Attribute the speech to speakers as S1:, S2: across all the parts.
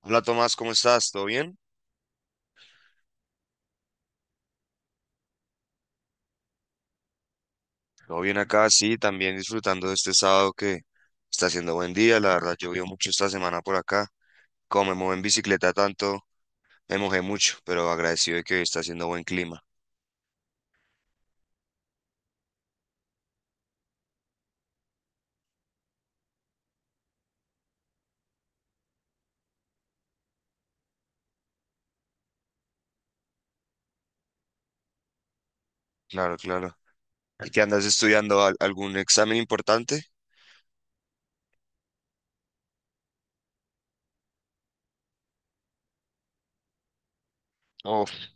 S1: Hola Tomás, ¿cómo estás? ¿Todo bien? Todo bien acá, sí, también disfrutando de este sábado que está haciendo buen día. La verdad, llovió mucho esta semana por acá. Como me mojé en bicicleta tanto, me mojé mucho, pero agradecido de que hoy está haciendo buen clima. Claro, claro. ¿Y qué andas estudiando? ¿Algún examen importante? Uf,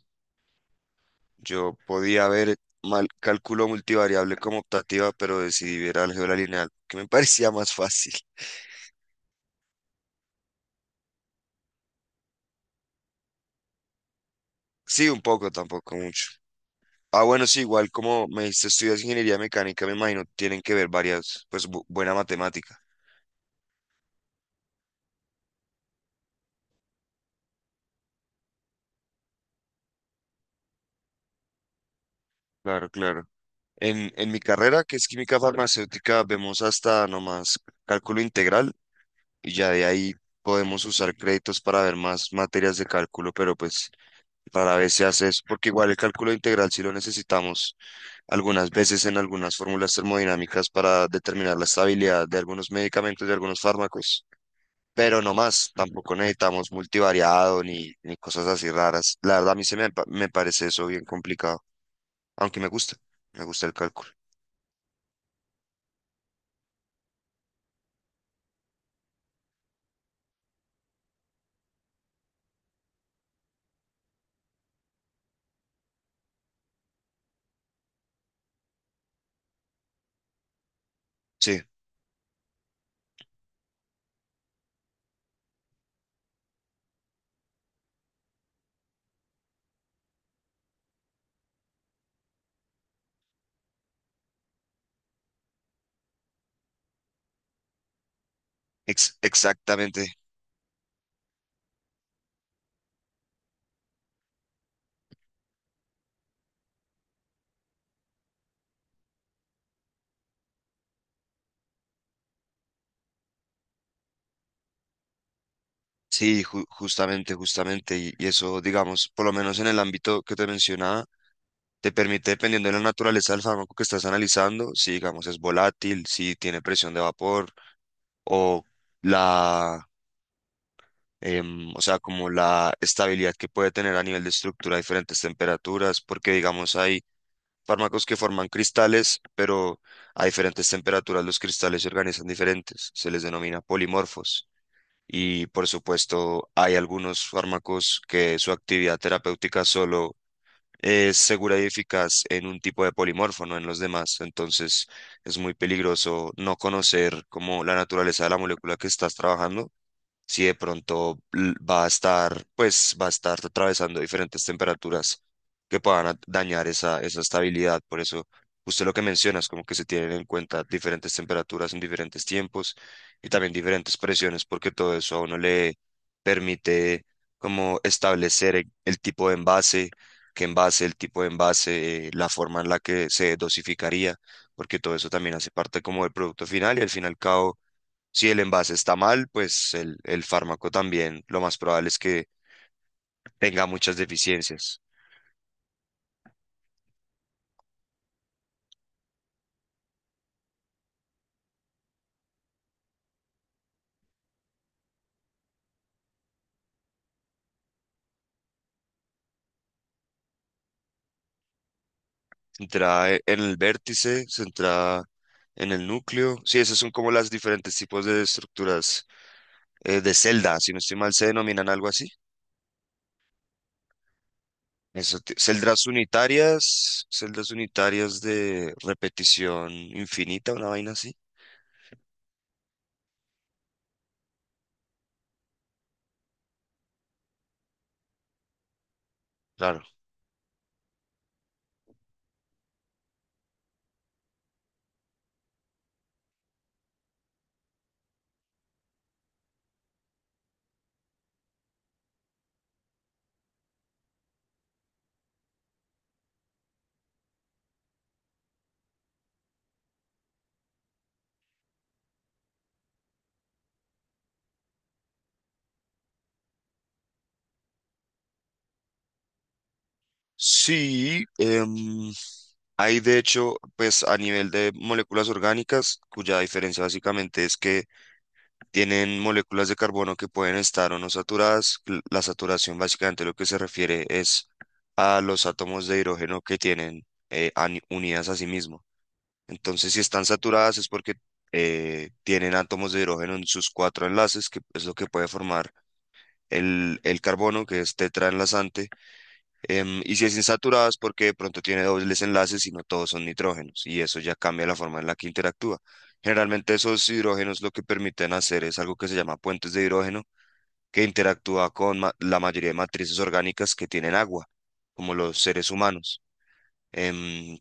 S1: yo podía ver mal cálculo multivariable como optativa, pero decidí ver álgebra lineal, que me parecía más fácil. Sí, un poco, tampoco mucho. Ah, bueno, sí, igual como me dijiste, estudias ingeniería mecánica, me imagino, tienen que ver varias, pues buena matemática. Claro, claro. En mi carrera, que es química farmacéutica, vemos hasta nomás cálculo integral y ya de ahí podemos usar créditos para ver más materias de cálculo, pero pues rara vez se hace eso, porque igual el cálculo integral sí lo necesitamos algunas veces en algunas fórmulas termodinámicas para determinar la estabilidad de algunos medicamentos, de algunos fármacos. Pero no más, tampoco necesitamos multivariado ni cosas así raras. La verdad, a mí se me, me parece eso bien complicado, aunque me gusta el cálculo. Sí, exactamente, sí, justamente, justamente, y eso, digamos, por lo menos en el ámbito que te mencionaba, te permite, dependiendo de la naturaleza del fármaco que estás analizando, si, digamos, es volátil, si tiene presión de vapor o la... o sea, como la estabilidad que puede tener a nivel de estructura a diferentes temperaturas, porque digamos hay fármacos que forman cristales, pero a diferentes temperaturas los cristales se organizan diferentes. Se les denomina polimorfos. Y por supuesto, hay algunos fármacos que su actividad terapéutica solo es segura y eficaz en un tipo de polimorfo, no en los demás. Entonces, es muy peligroso no conocer como la naturaleza de la molécula que estás trabajando si de pronto va a estar, pues va a estar atravesando diferentes temperaturas que puedan dañar esa, esa estabilidad. Por eso, usted lo que mencionas, como que se tienen en cuenta diferentes temperaturas en diferentes tiempos y también diferentes presiones, porque todo eso a uno le permite como establecer el tipo de envase, qué envase, el tipo de envase, la forma en la que se dosificaría, porque todo eso también hace parte como del producto final y al fin y al cabo si el envase está mal, pues el fármaco también lo más probable es que tenga muchas deficiencias. Entra e, en el vértice, se entra en el núcleo. Sí, esos son como las diferentes tipos de estructuras de celda, si no estoy mal, se denominan algo así. Eso celdas unitarias de repetición infinita, una vaina así. Claro. Sí, hay de hecho, pues a nivel de moléculas orgánicas, cuya diferencia básicamente es que tienen moléculas de carbono que pueden estar o no saturadas. La saturación básicamente lo que se refiere es a los átomos de hidrógeno que tienen unidas a sí mismos. Entonces, si están saturadas es porque tienen átomos de hidrógeno en sus cuatro enlaces, que es lo que puede formar el carbono, que es tetraenlazante. Y si es insaturada es porque de pronto tiene dobles enlaces y no todos son nitrógenos. Y eso ya cambia la forma en la que interactúa. Generalmente esos hidrógenos lo que permiten hacer es algo que se llama puentes de hidrógeno, que interactúa con la mayoría de matrices orgánicas que tienen agua, como los seres humanos. Em,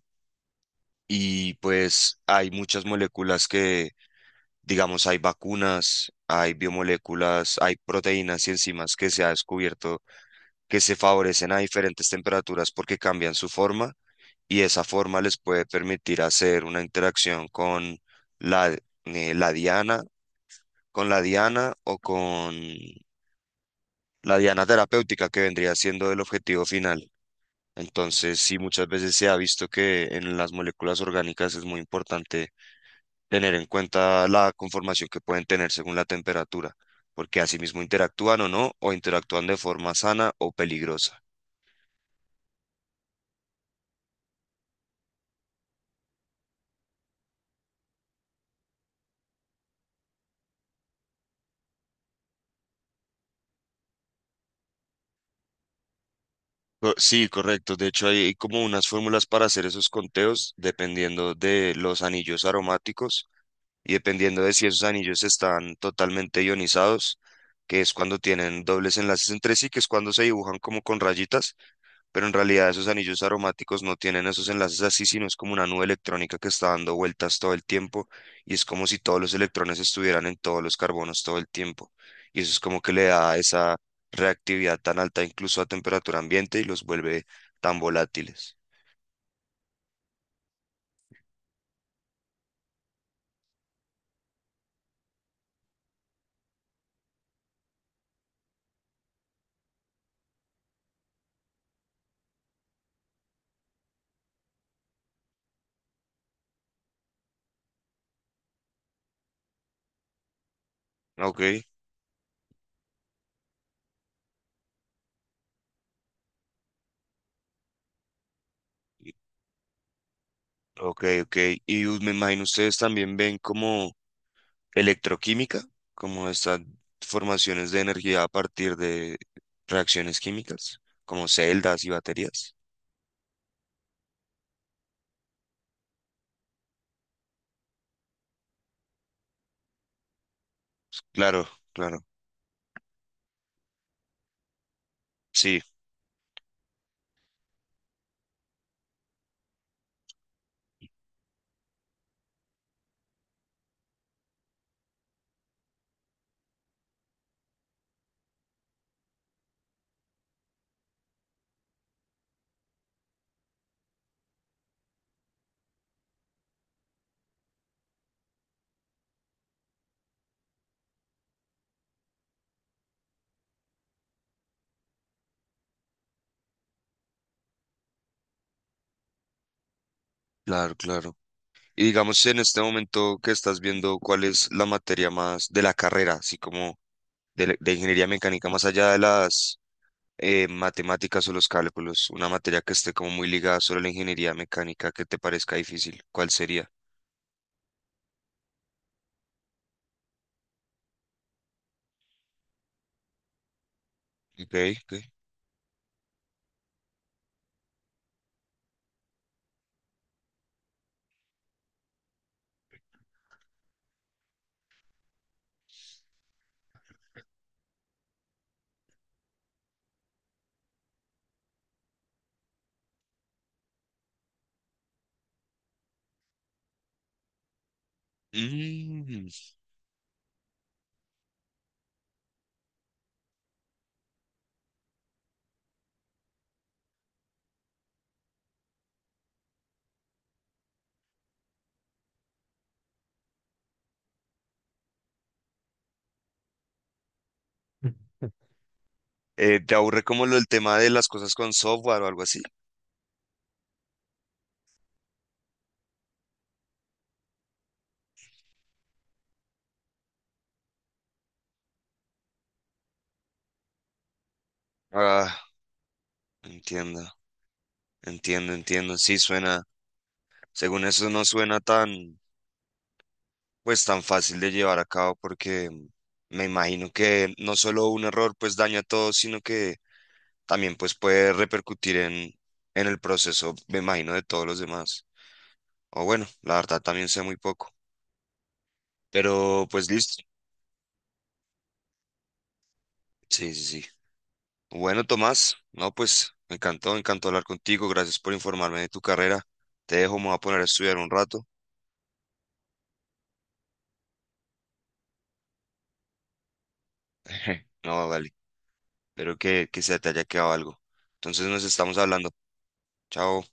S1: y pues hay muchas moléculas que digamos, hay vacunas, hay biomoléculas, hay proteínas y enzimas que se ha descubierto que se favorecen a diferentes temperaturas porque cambian su forma y esa forma les puede permitir hacer una interacción con la, la diana, con la diana o con la diana terapéutica que vendría siendo el objetivo final. Entonces, sí, muchas veces se ha visto que en las moléculas orgánicas es muy importante tener en cuenta la conformación que pueden tener según la temperatura, porque asimismo interactúan o no, o interactúan de forma sana o peligrosa. Sí, correcto. De hecho, hay como unas fórmulas para hacer esos conteos dependiendo de los anillos aromáticos y dependiendo de si esos anillos están totalmente ionizados, que es cuando tienen dobles enlaces entre sí, que es cuando se dibujan como con rayitas pero en realidad esos anillos aromáticos no tienen esos enlaces así, sino es como una nube electrónica que está dando vueltas todo el tiempo y es como si todos los electrones estuvieran en todos los carbonos todo el tiempo. Y eso es como que le da esa reactividad tan alta incluso a temperatura ambiente y los vuelve tan volátiles. Ok, y- ok, ok. Y me imagino ustedes también ven como electroquímica, como estas formaciones de energía a partir de reacciones químicas, como celdas y baterías. Claro, claro, sí, claro, claro. Y digamos, en este momento que estás viendo, ¿cuál es la materia más de la carrera, así como de, de ingeniería mecánica, más allá de las matemáticas o los cálculos, una materia que esté como muy ligada solo a la ingeniería mecánica que te parezca difícil, ¿cuál sería? Ok, ok. Mm. ¿Te aburre como lo del tema de las cosas con software o algo así? Ah, entiendo, entiendo, entiendo. Sí, suena, según eso no suena tan... pues tan fácil de llevar a cabo porque mm, me imagino que no solo un error pues daña a todos, sino que también pues puede repercutir en el proceso, me imagino, de todos los demás. O bueno, la verdad también sé muy poco, pero pues listo. Sí, sí, sí. Bueno, Tomás, no, pues me encantó hablar contigo, gracias por informarme de tu carrera. Te dejo, me voy a poner a estudiar un rato. No, vale, espero que se te haya quedado algo. Entonces nos estamos hablando. Chao.